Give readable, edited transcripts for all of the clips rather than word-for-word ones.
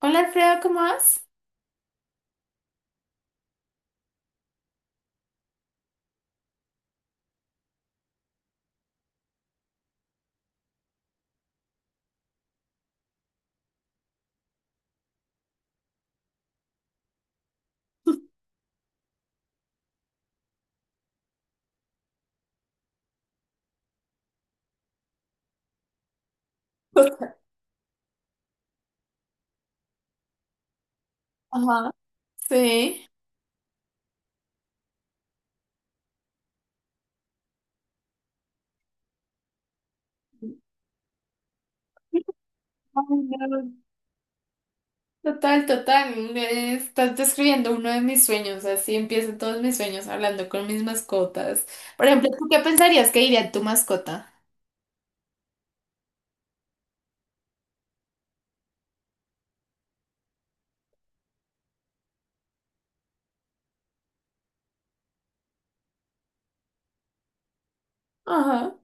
Hola, Alfredo, ¿cómo vas? Ajá, sí. Ay, no. Total, total. Me Estás describiendo uno de mis sueños. Así empiezan todos mis sueños hablando con mis mascotas. Por ejemplo, ¿tú qué pensarías que diría tu mascota? Ajá.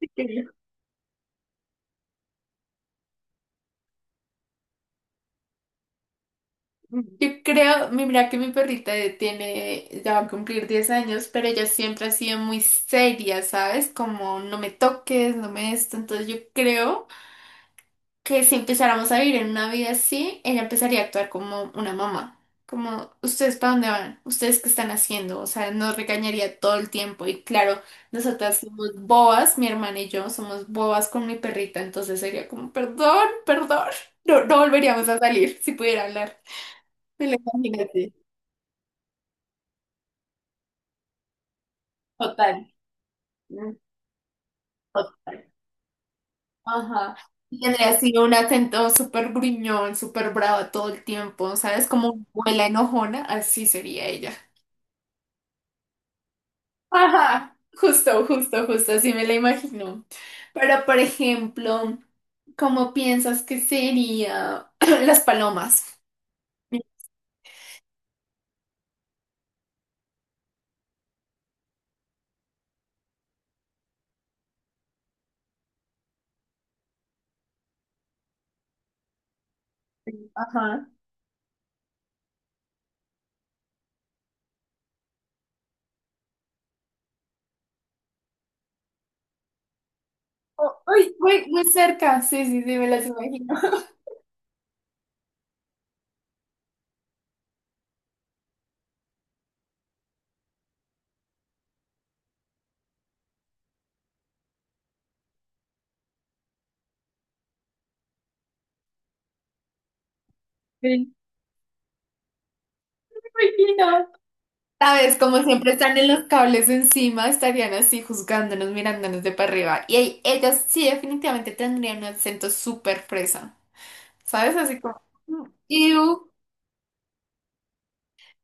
Sí, qué lindo. Yo creo, mira que mi perrita tiene, ya va a cumplir 10 años, pero ella siempre ha sido muy seria, ¿sabes? Como no me toques, no me esto. Entonces yo creo que si empezáramos a vivir en una vida así, ella empezaría a actuar como una mamá. Como, ¿ustedes para dónde van? ¿Ustedes qué están haciendo? O sea, nos regañaría todo el tiempo. Y claro, nosotras somos bobas, mi hermana y yo somos bobas con mi perrita. Entonces sería como, perdón, perdón. No, no volveríamos a salir si pudiera hablar. Me lo imagínate. Total. Mm. Total. Ajá. Y tendría así un acento súper gruñón, súper bravo todo el tiempo, ¿sabes? Como una abuela enojona, así sería ella. Ajá, justo, justo, justo, así me la imagino. Pero, por ejemplo, ¿cómo piensas que sería las palomas? Ajá. Oh, uy, muy, muy cerca, sí, sí, sí, me las imagino. Sí, me imagino. Sabes, como siempre están en los cables encima, estarían así juzgándonos, mirándonos de para arriba. Y ahí, ellas sí definitivamente tendrían un acento súper fresa. ¿Sabes? Así como... "Mm, iu".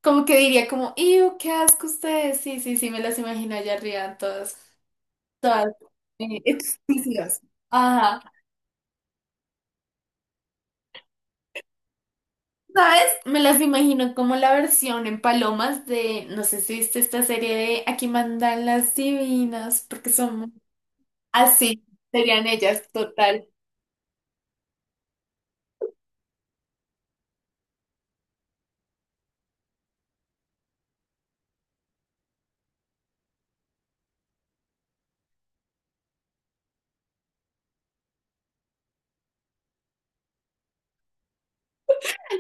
Como que diría como, ¡Iu, qué asco ustedes! Sí, sí, sí, me las imagino allá arriba, todas, todas, exclusivas. Ajá. ¿Sabes? Me las imagino como la versión en palomas de, no sé si viste esta serie de Aquí Mandan las Divinas, porque son así, serían ellas, total.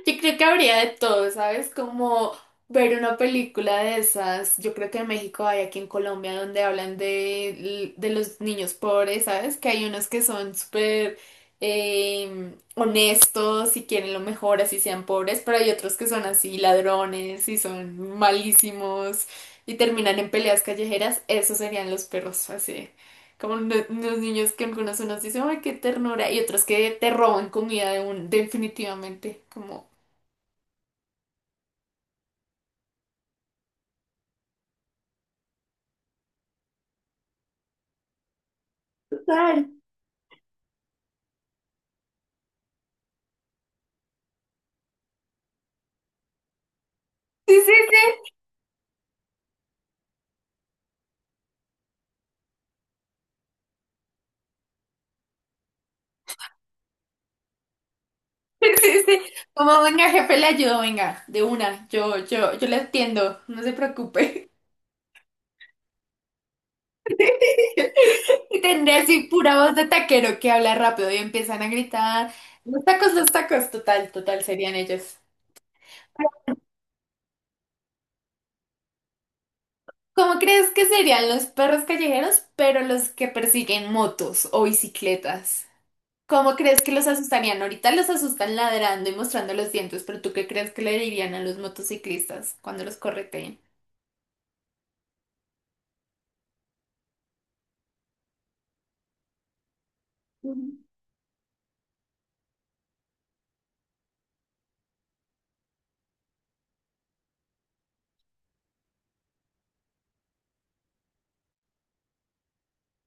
Yo creo que habría de todo, ¿sabes? Como ver una película de esas. Yo creo que en México hay, aquí en Colombia, donde hablan de los niños pobres, ¿sabes? Que hay unos que son súper honestos y quieren lo mejor, así sean pobres, pero hay otros que son así ladrones y son malísimos y terminan en peleas callejeras. Esos serían los perros, así. Como los niños que algunos unos dicen, ay, qué ternura, y otros que te roban comida de un, definitivamente, como total. Sí, sí, sí, sí, sí. Como venga, jefe, le ayudo, venga, de una, yo le entiendo, no se preocupe. Y tendré así pura voz de taquero que habla rápido y empiezan a gritar, los tacos, total, total, serían ellos. ¿Cómo crees que serían los perros callejeros, pero los que persiguen motos o bicicletas? ¿Cómo crees que los asustarían? Ahorita los asustan ladrando y mostrando los dientes, pero ¿tú qué crees que le dirían a los motociclistas cuando los correteen? Ujú.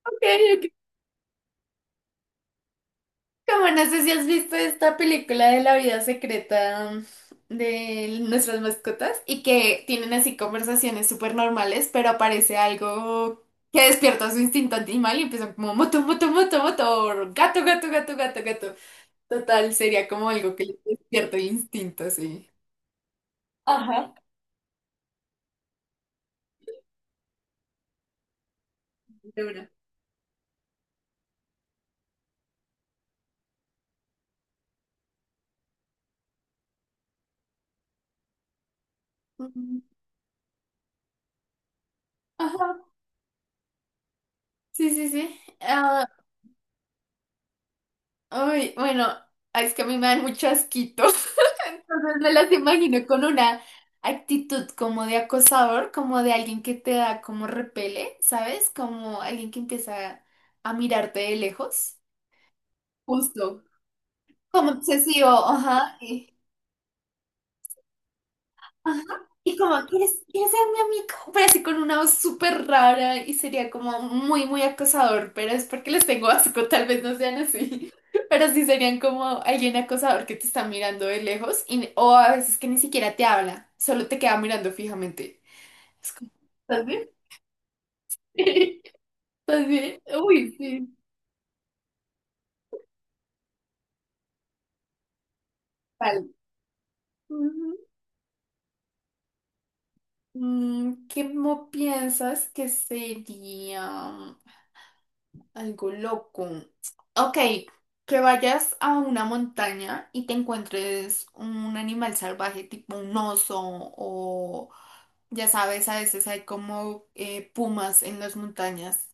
Ok, ok. Como no sé si has visto esta película de La Vida Secreta, de Nuestras Mascotas, y que tienen así conversaciones súper normales, pero aparece algo que despierta su instinto animal y empiezan como moto, moto, moto, moto, o gato, gato, gato, gato, gato. Total, sería como algo que le despierta el instinto, sí. Ujú. Ajá, sí, sí, sí. Ah, uy, bueno, ay, es que a mí me dan mucho asquito. Entonces me las imagino con una actitud como de acosador, como de alguien que te da como repele, ¿sabes? Como alguien que empieza a mirarte de lejos. Justo. Como obsesivo, ajá. Y, ajá. Y como, ¿quieres, quieres ser mi amigo? Pero así con una voz súper rara y sería como muy, muy acosador, pero es porque les tengo asco, tal vez no sean así. Pero sí serían como alguien acosador que te está mirando de lejos y, o a veces que ni siquiera te habla, solo te queda mirando fijamente. Es como, ¿estás bien? ¿Estás bien? Uy, sí. Vale. Ujú. Mm, ¿cómo piensas que sería algo loco? Ok, que vayas a una montaña y te encuentres un animal salvaje, tipo un oso o, ya sabes, a veces hay como pumas en las montañas.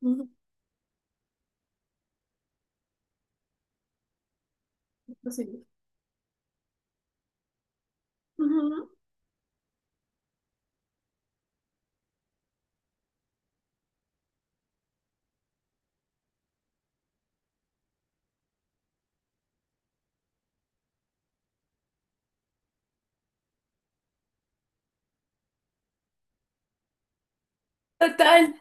Ujú, sí. Ujú. Total.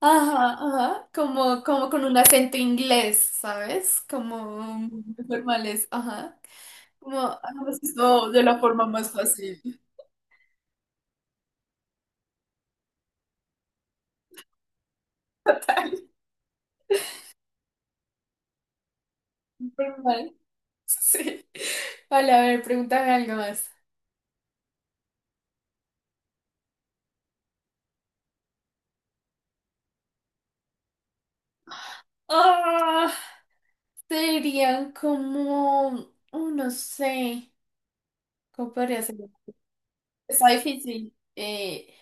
Ajá, ajá, como, como con un acento inglés, ¿sabes? Como muy formales, ajá. Como, ah, pues esto de la forma más fácil. Formal, sí. Vale, a ver, pregúntame algo más. Ah, serían como, oh, no sé, ¿cómo podría ser? Está difícil.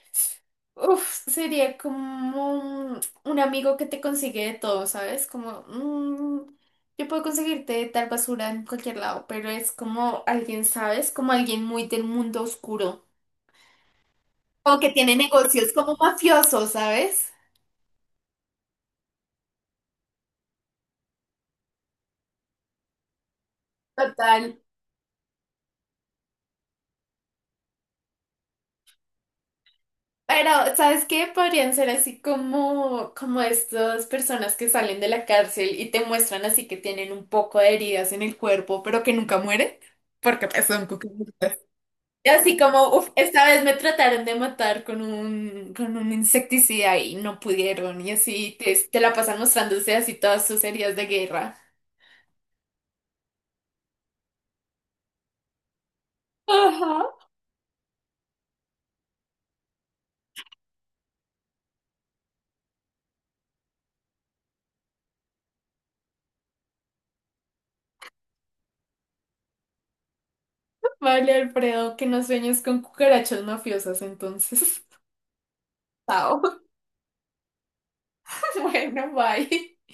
Uf, sería como un amigo que te consigue de todo, ¿sabes? Como, yo puedo conseguirte tal basura en cualquier lado, pero es como alguien, ¿sabes? Como alguien muy del mundo oscuro. Como que tiene negocios como mafioso, ¿sabes? Total. Pero, ¿sabes qué? Podrían ser así como, como estas personas que salen de la cárcel y te muestran así que tienen un poco de heridas en el cuerpo, pero que nunca mueren, porque pues, son cucarachas. Y así como, uff, esta vez me trataron de matar con un insecticida y no pudieron, y así te, te la pasan mostrándose así todas sus heridas de guerra. Ajá. Vale, Alfredo, que no sueñes con cucarachas mafiosas entonces. Chao. Bueno, bye.